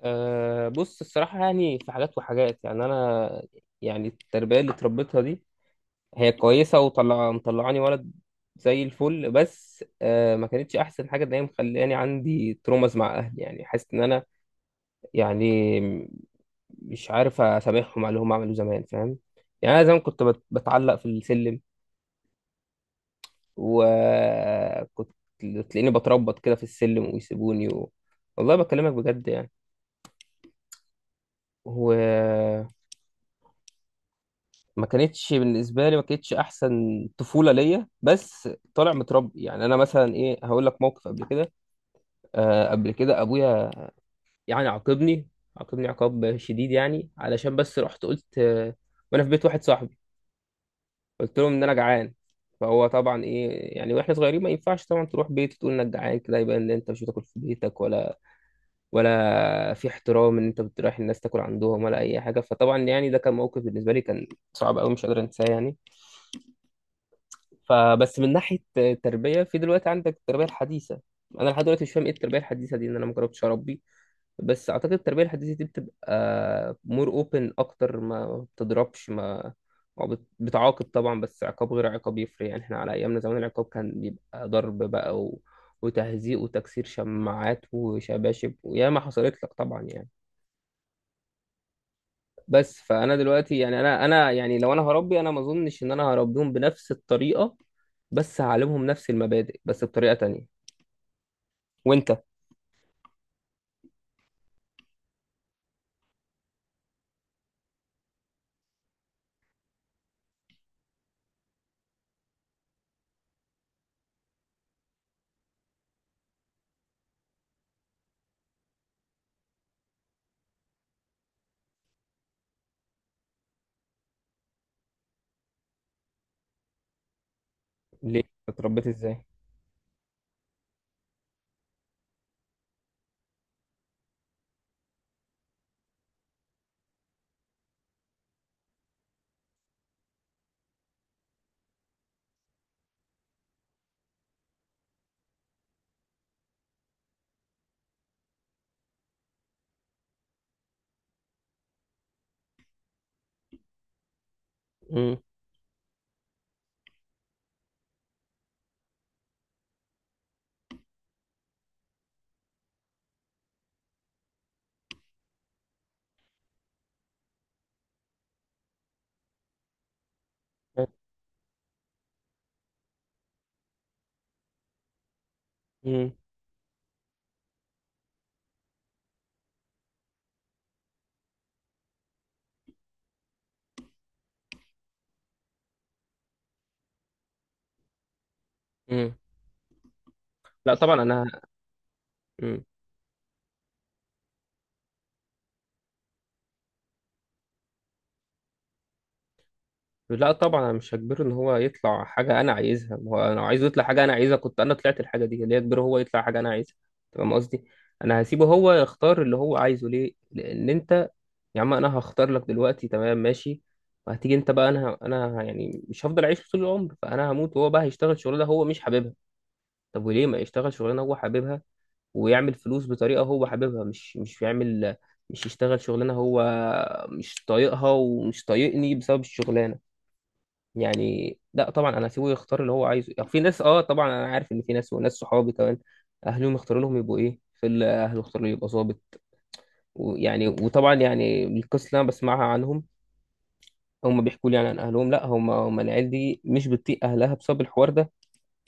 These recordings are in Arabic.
بص الصراحة، يعني في حاجات وحاجات. يعني أنا يعني التربية اللي اتربيتها دي هي كويسة وطلع مطلعاني ولد زي الفل، بس ما كانتش أحسن حاجة إن هي مخلاني عندي ترومز مع أهلي. يعني حاسس إن أنا يعني مش عارف أسامحهم على اللي هم عملوه زمان، فاهم؟ يعني أنا زمان كنت بتعلق في السلم، وكنت تلاقيني بتربط كده في السلم ويسيبوني والله بكلمك بجد يعني. ما كانتش احسن طفوله ليا، بس طالع متربي. يعني انا مثلا ايه، هقول لك موقف قبل كده. آه قبل كده ابويا يعني عاقبني، عاقبني عقاب شديد يعني علشان بس رحت قلت آه، وانا في بيت واحد صاحبي قلت لهم ان انا جعان. فهو طبعا ايه يعني، واحنا صغيرين ما ينفعش طبعا تروح بيت تقول انك جعان كده، يبقى ان انت مش بتاكل في بيتك، ولا ولا في احترام ان انت بتروح الناس تاكل عندهم ولا اي حاجه. فطبعا يعني ده كان موقف بالنسبه لي كان صعب قوي، مش قادر انساه يعني. فبس من ناحيه التربيه، في دلوقتي عندك التربيه الحديثه، انا لحد دلوقتي مش فاهم ايه التربيه الحديثه دي، ان انا ما جربتش اربي، بس اعتقد التربيه الحديثه دي بتبقى مور اوبن اكتر، ما بتضربش، ما بتعاقب طبعا، بس عقاب غير عقاب يفرق. يعني احنا على ايامنا زمان العقاب كان بيبقى ضرب بقى وتهزيق وتكسير شماعات وشباشب، وياما حصلت لك طبعا يعني. بس فانا دلوقتي يعني انا يعني لو انا هربي، انا ما اظنش ان انا هربيهم بنفس الطريقه، بس هعلمهم نفس المبادئ بس بطريقة تانية. وانت ليه اتربيت ازاي؟ مم. مم. مم. لا طبعا انا. مم. لا طبعا انا مش هجبره ان هو يطلع حاجة انا عايزها. ما هو انا لو عايزه يطلع حاجة انا عايزها، كنت انا طلعت الحاجة دي. ليه اجبره هو يطلع حاجة انا عايزها؟ أنت فاهم قصدي؟ انا هسيبه هو يختار اللي هو عايزه ليه، لان انت يا عم انا هختار لك دلوقتي تمام ماشي، وهتيجي انت بقى، انا انا يعني مش هفضل اعيش طول العمر، فانا هموت وهو بقى هيشتغل شغلانه هو مش حاببها. طب وليه ما يشتغل شغلانه هو حاببها ويعمل فلوس بطريقه هو حاببها، مش يشتغل شغلانه هو مش طايقها ومش طايقني بسبب الشغلانه؟ يعني لا طبعا انا هسيبه يختار اللي هو عايزه. يعني في ناس، اه طبعا انا عارف ان في ناس وناس صحابي كمان اهلهم يختاروا لهم يبقوا ايه، في اللي اهله اختاروا يبقى ظابط، ويعني وطبعا يعني القصه اللي انا بسمعها عنهم هم بيحكوا لي يعني عن اهلهم، لا هم العيال دي مش بتطيق اهلها بسبب الحوار ده.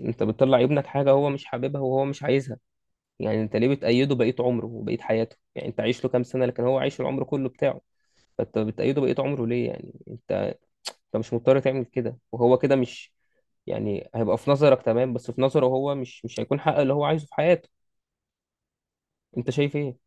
انت بتطلع ابنك حاجه هو مش حاببها وهو مش عايزها. يعني انت ليه بتأيده بقية عمره وبقية حياته؟ يعني انت عايش له كام سنة، لكن هو عايش العمر كله بتاعه. فانت بتأيده بقية عمره ليه؟ يعني انت، انت مش مضطر تعمل كده وهو كده مش، يعني هيبقى في نظرك تمام، بس في نظره هو مش هيكون حقق اللي هو عايزه في حياته. انت شايف ايه؟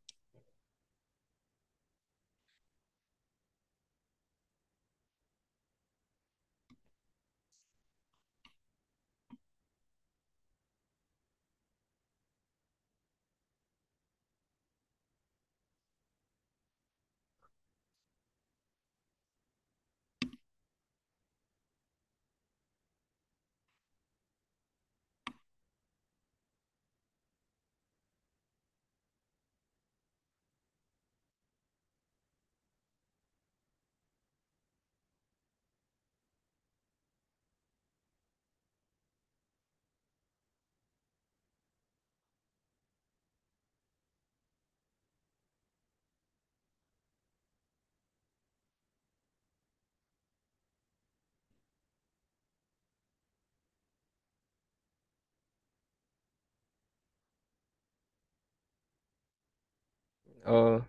اه.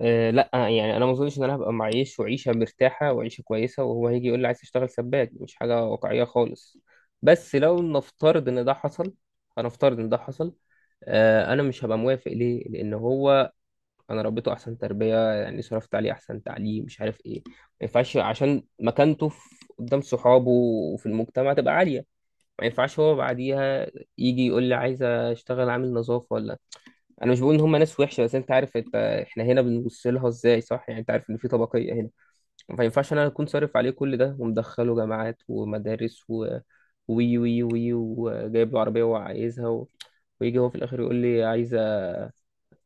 آه لا يعني انا ما اظنش ان انا هبقى معيش وعيشه مرتاحه وعيشه كويسه وهو هيجي يقول لي عايز اشتغل سباك. مش حاجه واقعيه خالص، بس لو نفترض ان ده حصل، هنفترض ان ده حصل. آه انا مش هبقى موافق ليه؟ لان هو انا ربيته احسن تربيه، يعني صرفت عليه احسن تعليم مش عارف ايه، ما ينفعش عشان مكانته في، قدام صحابه وفي المجتمع تبقى عاليه. ما ينفعش هو بعديها يجي يقول لي عايز اشتغل عامل نظافه ولا، انا مش بقول ان هم ناس وحشه، بس انت عارف، انت احنا هنا بنبص لها ازاي صح؟ يعني انت عارف ان في طبقيه هنا. ما ينفعش انا اكون صارف عليه كل ده ومدخله جامعات ومدارس و وي وي وي وجايب له عربيه وعايزها ويجي هو في الاخر يقول لي عايز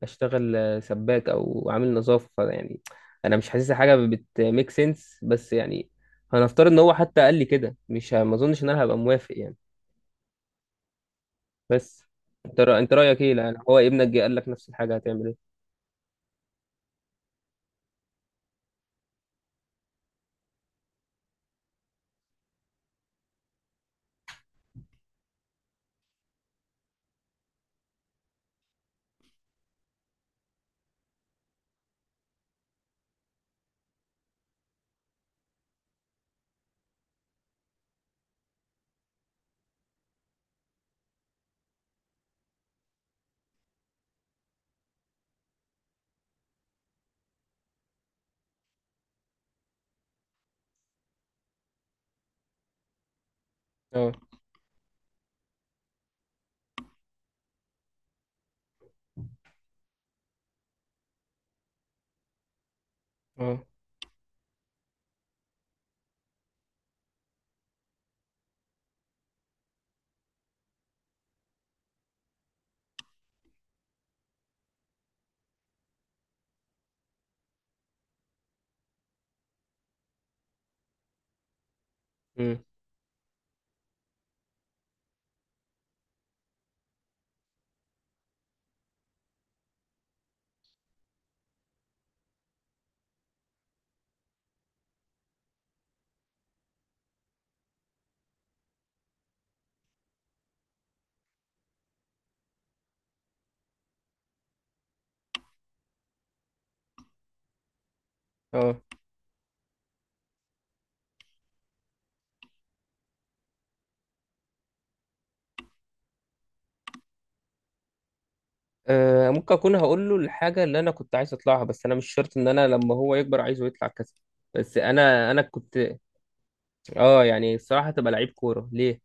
اشتغل سباك او عامل نظافه. فيعني انا مش حاسسها حاجه بتميك سنس. بس يعني هنفترض ان هو حتى قال لي كده، مش ه- ما اظنش ان انا هبقى موافق يعني. بس انت رايك ايه؟ لان هو ابنك جه قال لك نفس الحاجه هتعمل ايه؟ اه اه. مم. اه. ممكن اكون هقول له الحاجه اللي انا كنت عايز اطلعها، بس انا مش شرط ان انا لما هو يكبر عايزه يطلع كذا. بس انا كنت اه يعني الصراحه تبقى لعيب كوره. ليه؟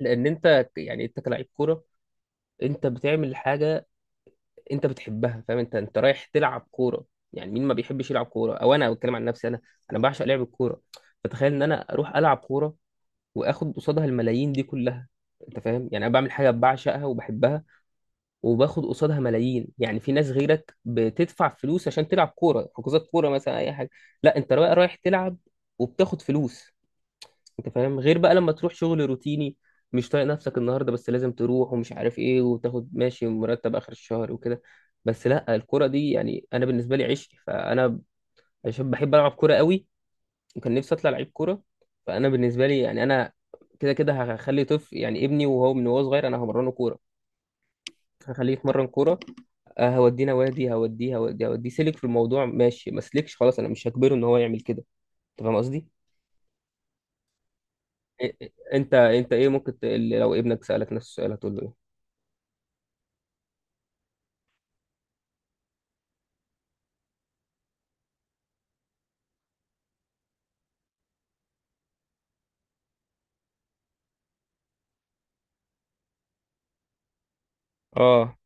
لان يعني انت كلاعب كوره، انت بتعمل حاجه انت بتحبها، فاهم؟ انت رايح تلعب كوره. يعني مين ما بيحبش يلعب كوره؟ او انا بتكلم عن نفسي انا بعشق لعب الكوره. فتخيل ان انا اروح العب كوره واخد قصادها الملايين دي كلها. انت فاهم؟ يعني انا بعمل حاجه بعشقها وبحبها وباخد قصادها ملايين. يعني في ناس غيرك بتدفع فلوس عشان تلعب كوره، حجوزات كوره مثلا، اي حاجه. لا انت بقى رايح تلعب وبتاخد فلوس. انت فاهم؟ غير بقى لما تروح شغل روتيني مش طايق نفسك النهارده، بس لازم تروح ومش عارف ايه، وتاخد ماشي مرتب اخر الشهر وكده. بس لا الكرة دي يعني انا بالنسبه لي عشق، فانا عشان بحب العب كرة قوي وكان نفسي اطلع لعيب كرة. فانا بالنسبه لي، يعني انا كده كده هخلي طفل، يعني ابني وهو من وهو صغير، انا همرنه كوره، هخليه يتمرن كوره. هوديه نوادي، هوديه سلك في الموضوع ماشي، ما سلكش خلاص انا مش هجبره ان هو يعمل كده. انت فاهم قصدي؟ إيه- إيه- انت ايه ممكن لو ابنك سالك نفس السؤال هتقول له ايه؟ اه